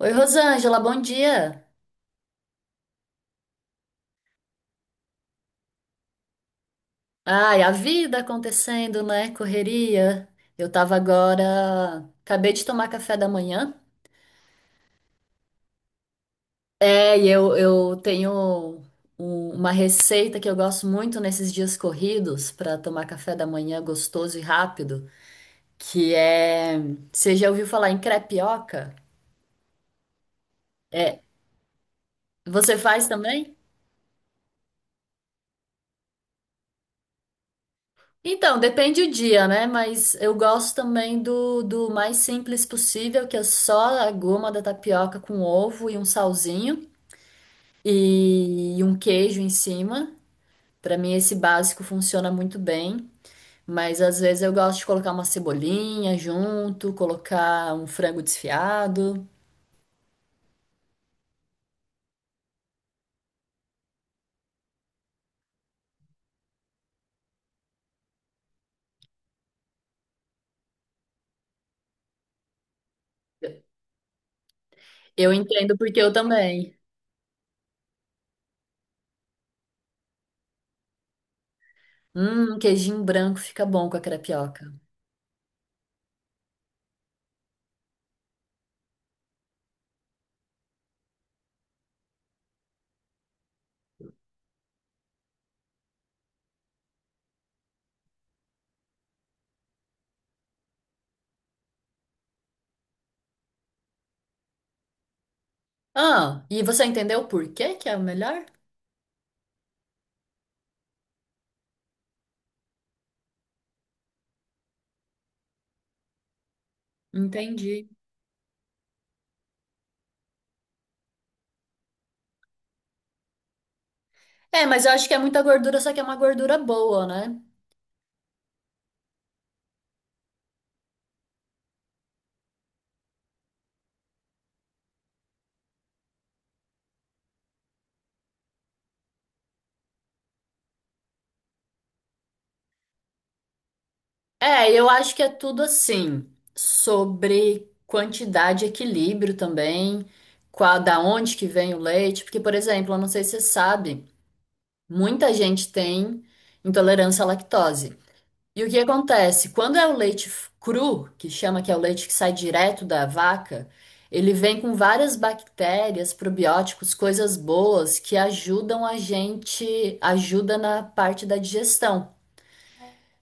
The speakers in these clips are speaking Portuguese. Oi, Rosângela, bom dia. Ai, a vida acontecendo, né? Correria. Eu tava agora. Acabei de tomar café da manhã. E eu tenho uma receita que eu gosto muito nesses dias corridos para tomar café da manhã gostoso e rápido, que é. Você já ouviu falar em crepioca? Você faz também? Então, depende o dia, né? Mas eu gosto também do mais simples possível, que é só a goma da tapioca com ovo e um salzinho e um queijo em cima. Pra mim, esse básico funciona muito bem. Mas às vezes eu gosto de colocar uma cebolinha junto, colocar um frango desfiado. Eu entendo porque eu também. Um queijinho branco fica bom com a crepioca. Ah, e você entendeu por que que é o melhor? Entendi. É, mas eu acho que é muita gordura, só que é uma gordura boa, né? É, eu acho que é tudo assim, sobre quantidade e equilíbrio também, qual, da onde que vem o leite, porque, por exemplo, eu não sei se você sabe, muita gente tem intolerância à lactose. E o que acontece? Quando é o leite cru, que chama que é o leite que sai direto da vaca, ele vem com várias bactérias, probióticos, coisas boas que ajudam a gente, ajuda na parte da digestão.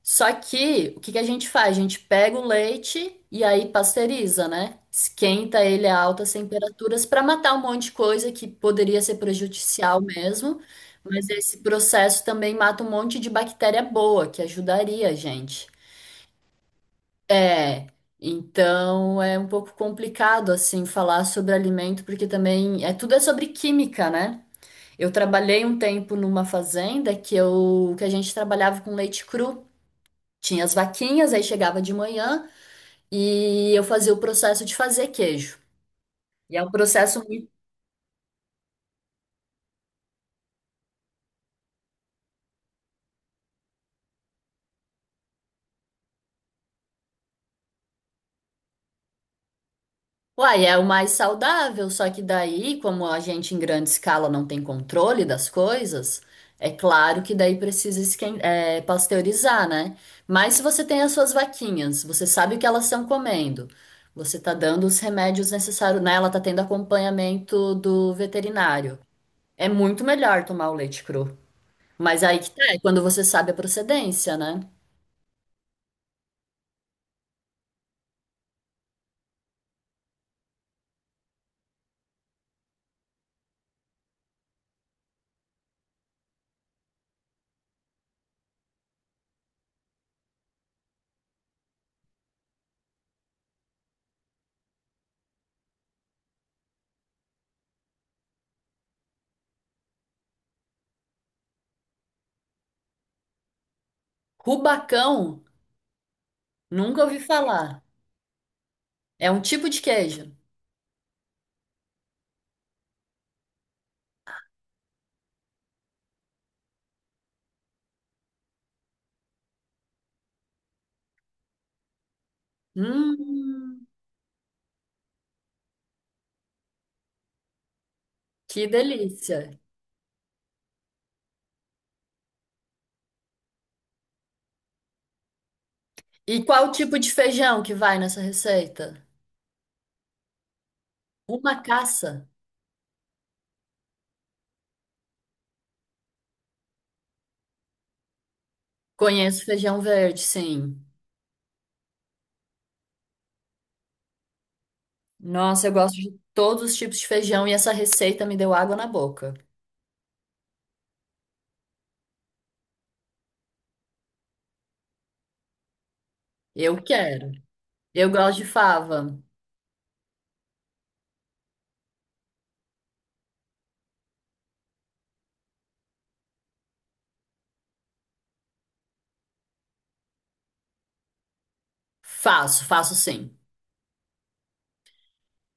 Só que o que que a gente faz? A gente pega o leite e aí pasteuriza, né? Esquenta ele a altas temperaturas para matar um monte de coisa que poderia ser prejudicial mesmo, mas esse processo também mata um monte de bactéria boa que ajudaria a gente. É, então é um pouco complicado assim falar sobre alimento porque também tudo é sobre química, né? Eu trabalhei um tempo numa fazenda que a gente trabalhava com leite cru. Tinha as vaquinhas, aí chegava de manhã e eu fazia o processo de fazer queijo. E é um processo muito. Uai, é o mais saudável, só que daí, como a gente em grande escala não tem controle das coisas, é claro que daí é, pasteurizar, né? Mas se você tem as suas vaquinhas, você sabe o que elas estão comendo, você tá dando os remédios necessários, né? Ela tá tendo acompanhamento do veterinário. É muito melhor tomar o leite cru. Mas aí que tá, é quando você sabe a procedência, né? Rubacão, nunca ouvi falar. É um tipo de queijo. Hum, que delícia. E qual tipo de feijão que vai nessa receita? Uma caça. Conheço feijão verde, sim. Nossa, eu gosto de todos os tipos de feijão e essa receita me deu água na boca. Eu quero. Eu gosto de fava. Faço, faço sim.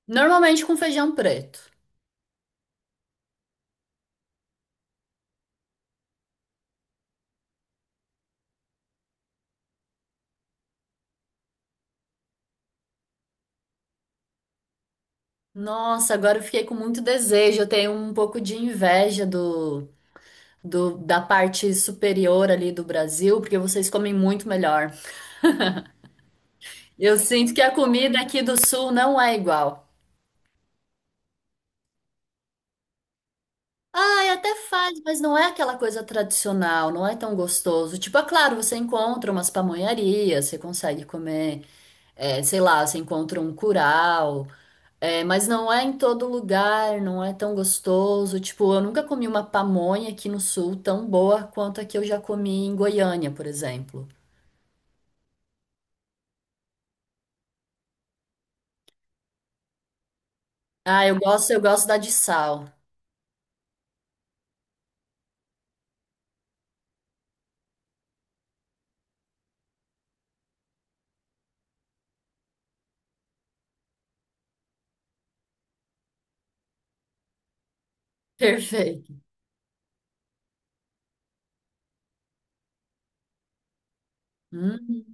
Normalmente com feijão preto. Nossa, agora eu fiquei com muito desejo. Eu tenho um pouco de inveja do da parte superior ali do Brasil, porque vocês comem muito melhor. Eu sinto que a comida aqui do sul não é igual. Ah, é até faz, mas não é aquela coisa tradicional, não é tão gostoso. Tipo, é claro, você encontra umas pamonharias, você consegue comer, é, sei lá, você encontra um curau, é, mas não é em todo lugar, não é tão gostoso. Tipo, eu nunca comi uma pamonha aqui no sul tão boa quanto a que eu já comi em Goiânia, por exemplo. Ah, eu gosto da de sal. Perfeito. Uhum.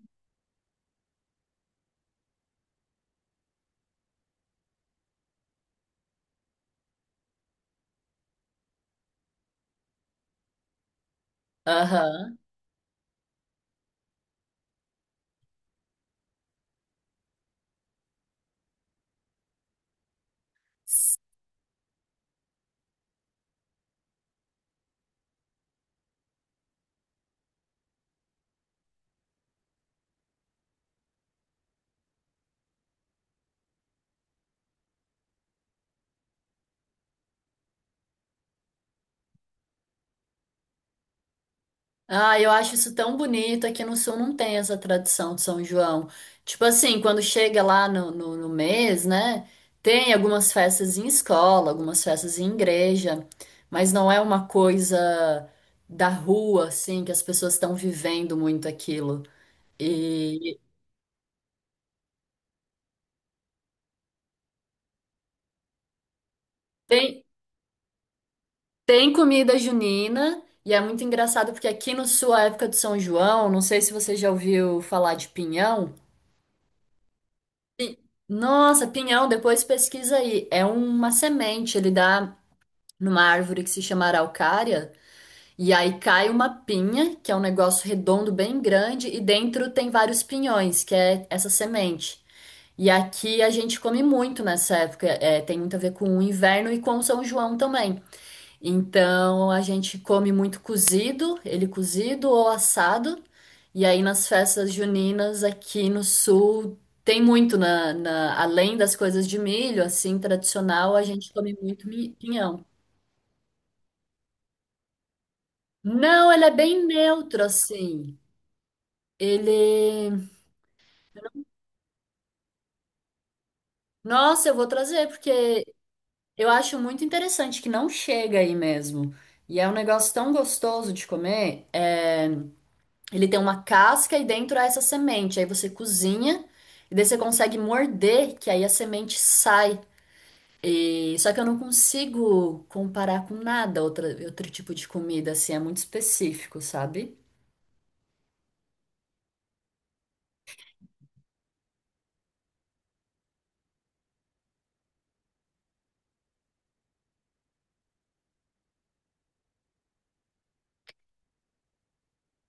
Aham. Ah, eu acho isso tão bonito. Aqui no Sul não tem essa tradição de São João. Tipo assim, quando chega lá no mês, né? Tem algumas festas em escola, algumas festas em igreja, mas não é uma coisa da rua, assim, que as pessoas estão vivendo muito aquilo. E tem, tem comida junina, e é muito engraçado porque aqui no Sul, a época do São João, não sei se você já ouviu falar de pinhão. Nossa, pinhão, depois pesquisa aí. É uma semente, ele dá numa árvore que se chama araucária, e aí cai uma pinha, que é um negócio redondo bem grande, e dentro tem vários pinhões, que é essa semente. E aqui a gente come muito nessa época, é, tem muito a ver com o inverno e com o São João também. Então a gente come muito cozido, ele cozido ou assado. E aí nas festas juninas aqui no sul tem muito além das coisas de milho, assim, tradicional, a gente come muito pinhão. Não, ele é bem neutro assim. Ele, nossa, eu vou trazer porque eu acho muito interessante que não chega aí mesmo. E é um negócio tão gostoso de comer. É, ele tem uma casca e dentro há essa semente. Aí você cozinha e daí você consegue morder, que aí a semente sai. Só que eu não consigo comparar com nada outro tipo de comida, assim, é muito específico, sabe?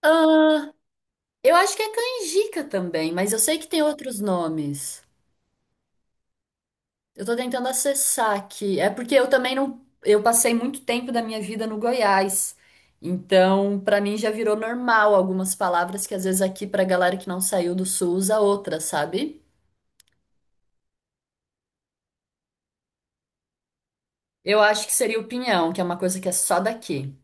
Ah, eu acho que é canjica também, mas eu sei que tem outros nomes. Eu tô tentando acessar aqui. É porque eu também não. Eu passei muito tempo da minha vida no Goiás. Então, pra mim já virou normal algumas palavras que às vezes aqui pra galera que não saiu do sul usa outra, sabe? Eu acho que seria o pinhão, que é uma coisa que é só daqui.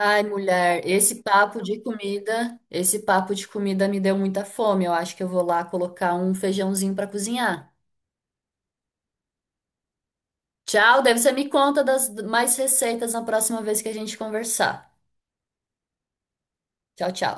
Ai, mulher, esse papo de comida me deu muita fome. Eu acho que eu vou lá colocar um feijãozinho pra cozinhar. Tchau, deve ser me conta das mais receitas na próxima vez que a gente conversar. Tchau, tchau.